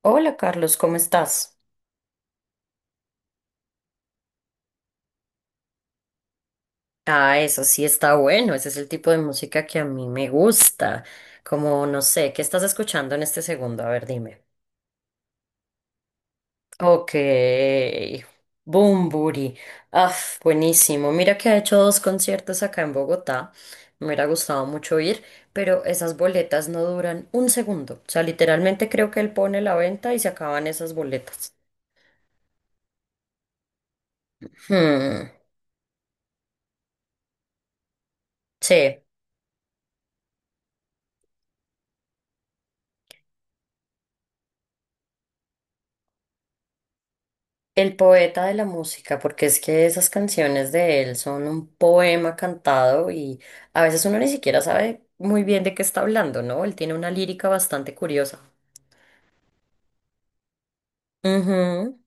Hola Carlos, ¿cómo estás? Ah, eso sí está bueno, ese es el tipo de música que a mí me gusta. Como, no sé, ¿qué estás escuchando en este segundo? A ver, dime. Ok, Bumburi. Ah, Buenísimo. Mira que ha hecho dos conciertos acá en Bogotá. Me hubiera gustado mucho ir, pero esas boletas no duran un segundo. O sea, literalmente creo que él pone la venta y se acaban esas boletas. Hmm, sí. El poeta de la música, porque es que esas canciones de él son un poema cantado y a veces uno ni siquiera sabe muy bien de qué está hablando, ¿no? Él tiene una lírica bastante curiosa. Ujú.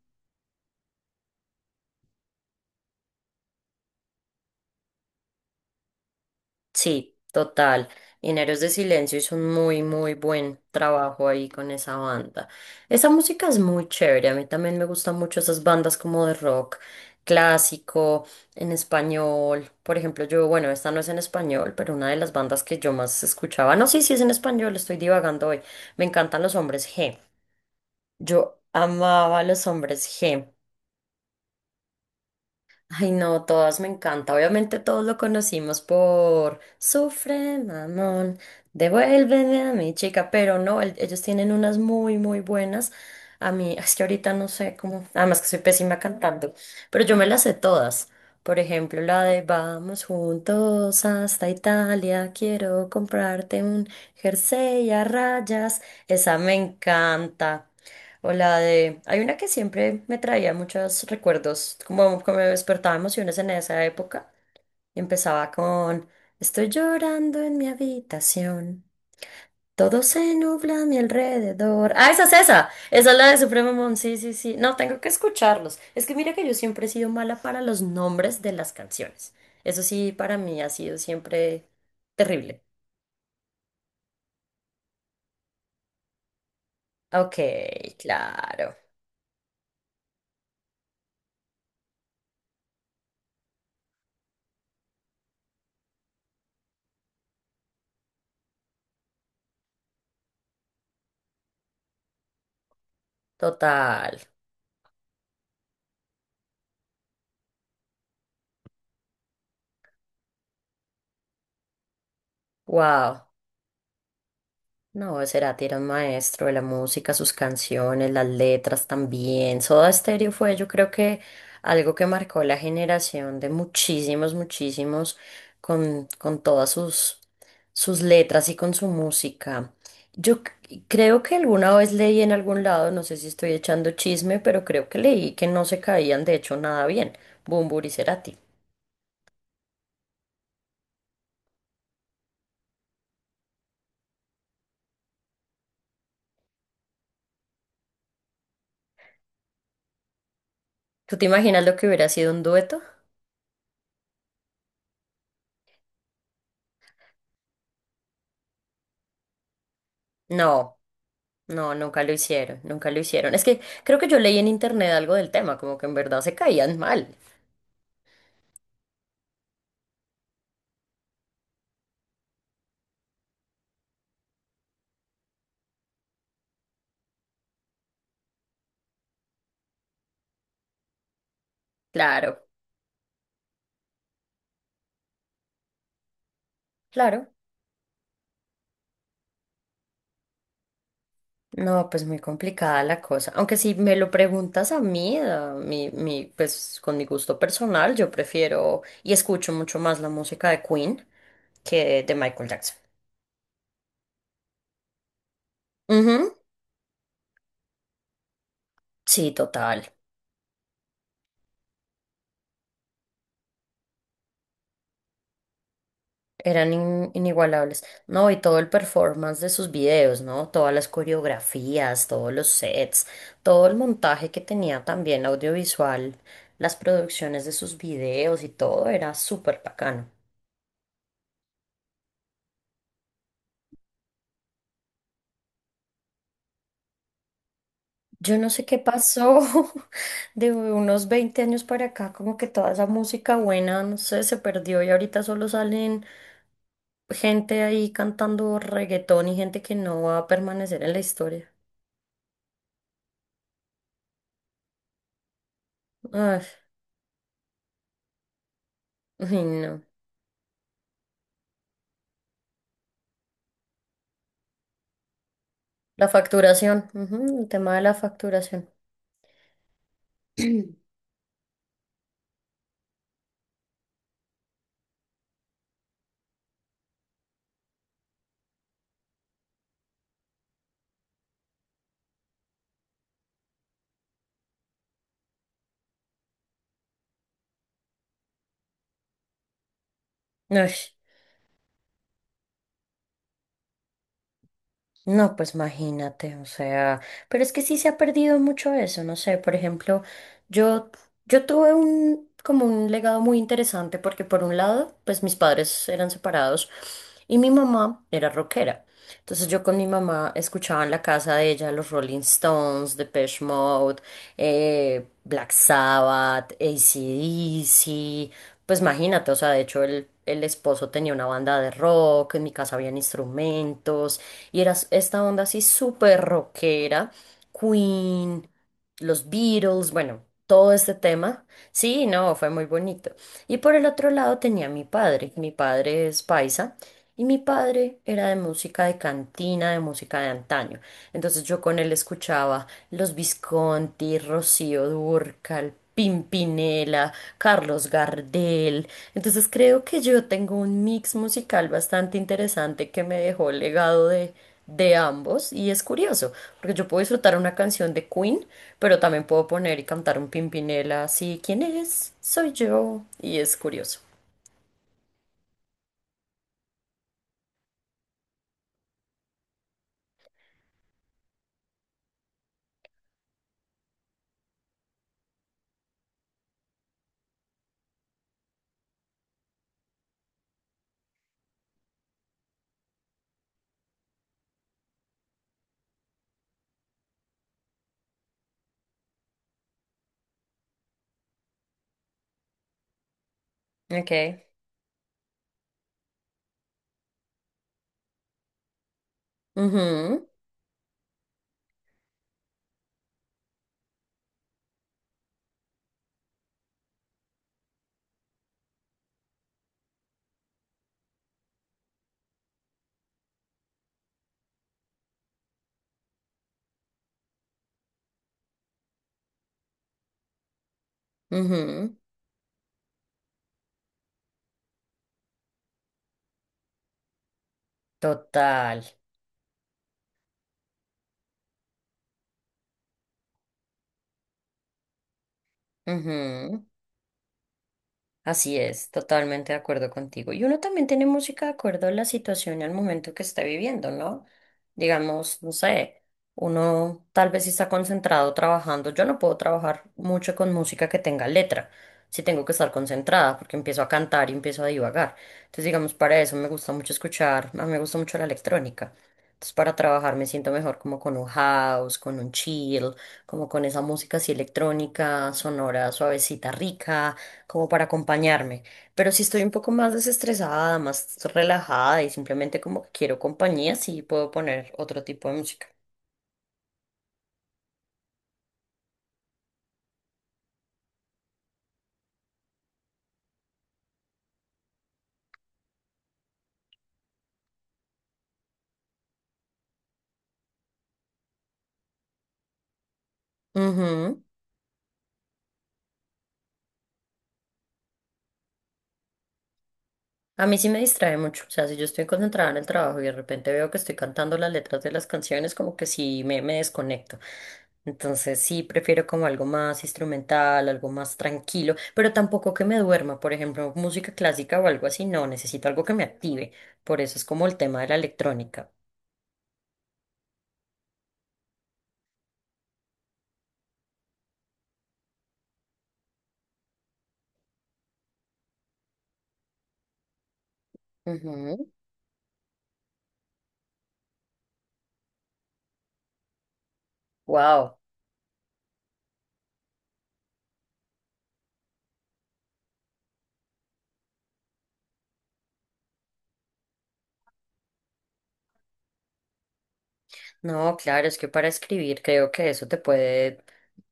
Sí, total. Mineros de Silencio hizo un muy, muy buen trabajo ahí con esa banda. Esa música es muy chévere. A mí también me gustan mucho esas bandas como de rock clásico, en español. Por ejemplo, yo, bueno, esta no es en español, pero una de las bandas que yo más escuchaba. No, sí, sí es en español, estoy divagando hoy. Me encantan los hombres G. Yo amaba a los hombres G. Ay, no, todas me encanta. Obviamente todos lo conocimos por Sufre, mamón, devuélveme a mi chica, pero no, ellos tienen unas muy, muy buenas. A mí, es que ahorita no sé cómo, además que soy pésima cantando, pero yo me las sé todas. Por ejemplo, la de Vamos juntos hasta Italia, quiero comprarte un jersey a rayas. Esa me encanta. O la de... Hay una que siempre me traía muchos recuerdos, como, como me despertaba emociones en esa época. Y empezaba con... Estoy llorando en mi habitación. Todo se nubla a mi alrededor. Ah, esa es esa. Esa es la de Supremo Mon. Sí, sí, sí. No, tengo que escucharlos. Es que mira que yo siempre he sido mala para los nombres de las canciones. Eso sí, para mí ha sido siempre terrible. Ok, claro. Total. Wow. No, Cerati era un maestro de la música, sus canciones, las letras también. Soda Stereo fue, yo creo que algo que marcó la generación de muchísimos, muchísimos con todas sus letras y con su música. Yo creo que alguna vez leí en algún lado, no sé si estoy echando chisme, pero creo que leí que no se caían de hecho nada bien, Bumbur y Cerati. ¿Tú te imaginas lo que hubiera sido un dueto? No. No, nunca lo hicieron, nunca lo hicieron. Es que creo que yo leí en internet algo del tema, como que en verdad se caían mal. Claro, claro. No, pues muy complicada la cosa. Aunque si me lo preguntas a mí, pues con mi gusto personal, yo prefiero y escucho mucho más la música de Queen que de Michael Jackson. Ujú. Sí, total. Eran inigualables. No, y todo el performance de sus videos, ¿no? Todas las coreografías, todos los sets, todo el montaje que tenía también audiovisual, las producciones de sus videos y todo era súper bacano. Yo no sé qué pasó de unos 20 años para acá, como que toda esa música buena, no sé, se perdió y ahorita solo salen gente ahí cantando reggaetón y gente que no va a permanecer en la historia. Ay, ay, no. La facturación, ujú, el tema de la facturación. Ay, no, pues imagínate, o sea, pero es que sí se ha perdido mucho eso, no sé, por ejemplo, yo, yo tuve un, como un legado muy interesante porque por un lado, pues mis padres eran separados y mi mamá era rockera. Entonces yo con mi mamá escuchaba en la casa de ella los Rolling Stones, Depeche Mode, Black Sabbath, AC/DC, pues imagínate, o sea, de hecho el esposo tenía una banda de rock, en mi casa habían instrumentos, y era esta onda así súper rockera, Queen, los Beatles, bueno, todo este tema. Sí, no, fue muy bonito. Y por el otro lado tenía a mi padre es paisa, y mi padre era de música de cantina, de música de antaño. Entonces yo con él escuchaba los Visconti, Rocío Dúrcal, Pimpinela, Carlos Gardel. Entonces creo que yo tengo un mix musical bastante interesante que me dejó el legado de ambos. Y es curioso, porque yo puedo disfrutar una canción de Queen, pero también puedo poner y cantar un Pimpinela así, ¿quién es? Soy yo. Y es curioso. Okay. Mhm. Mhm. Total. Ujú. Así es, totalmente de acuerdo contigo. Y uno también tiene música de acuerdo a la situación y al momento que está viviendo, ¿no? Digamos, no sé, uno tal vez si está concentrado trabajando. Yo no puedo trabajar mucho con música que tenga letra, si tengo que estar concentrada, porque empiezo a cantar y empiezo a divagar. Entonces, digamos, para eso me gusta mucho escuchar, a mí me gusta mucho la electrónica. Entonces, para trabajar me siento mejor como con un house, con un chill, como con esa música así electrónica, sonora, suavecita, rica como para acompañarme. Pero si estoy un poco más desestresada, más relajada y simplemente como que quiero compañía, sí puedo poner otro tipo de música. Ujú. A mí sí me distrae mucho. O sea, si yo estoy concentrada en el trabajo y de repente veo que estoy cantando las letras de las canciones, como que sí me desconecto. Entonces sí prefiero como algo más instrumental, algo más tranquilo, pero tampoco que me duerma, por ejemplo, música clásica o algo así, no, necesito algo que me active. Por eso es como el tema de la electrónica. Wow. No, claro, es que para escribir creo que eso te puede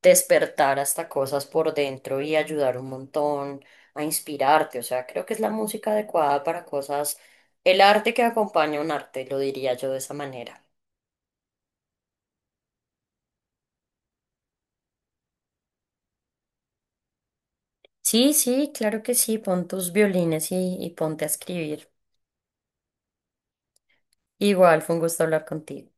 despertar hasta cosas por dentro y ayudar un montón a inspirarte. O sea, creo que es la música adecuada para cosas, el arte que acompaña un arte, lo diría yo de esa manera. Sí, sí, claro que sí, pon tus violines y ponte a escribir. Igual, fue un gusto hablar contigo.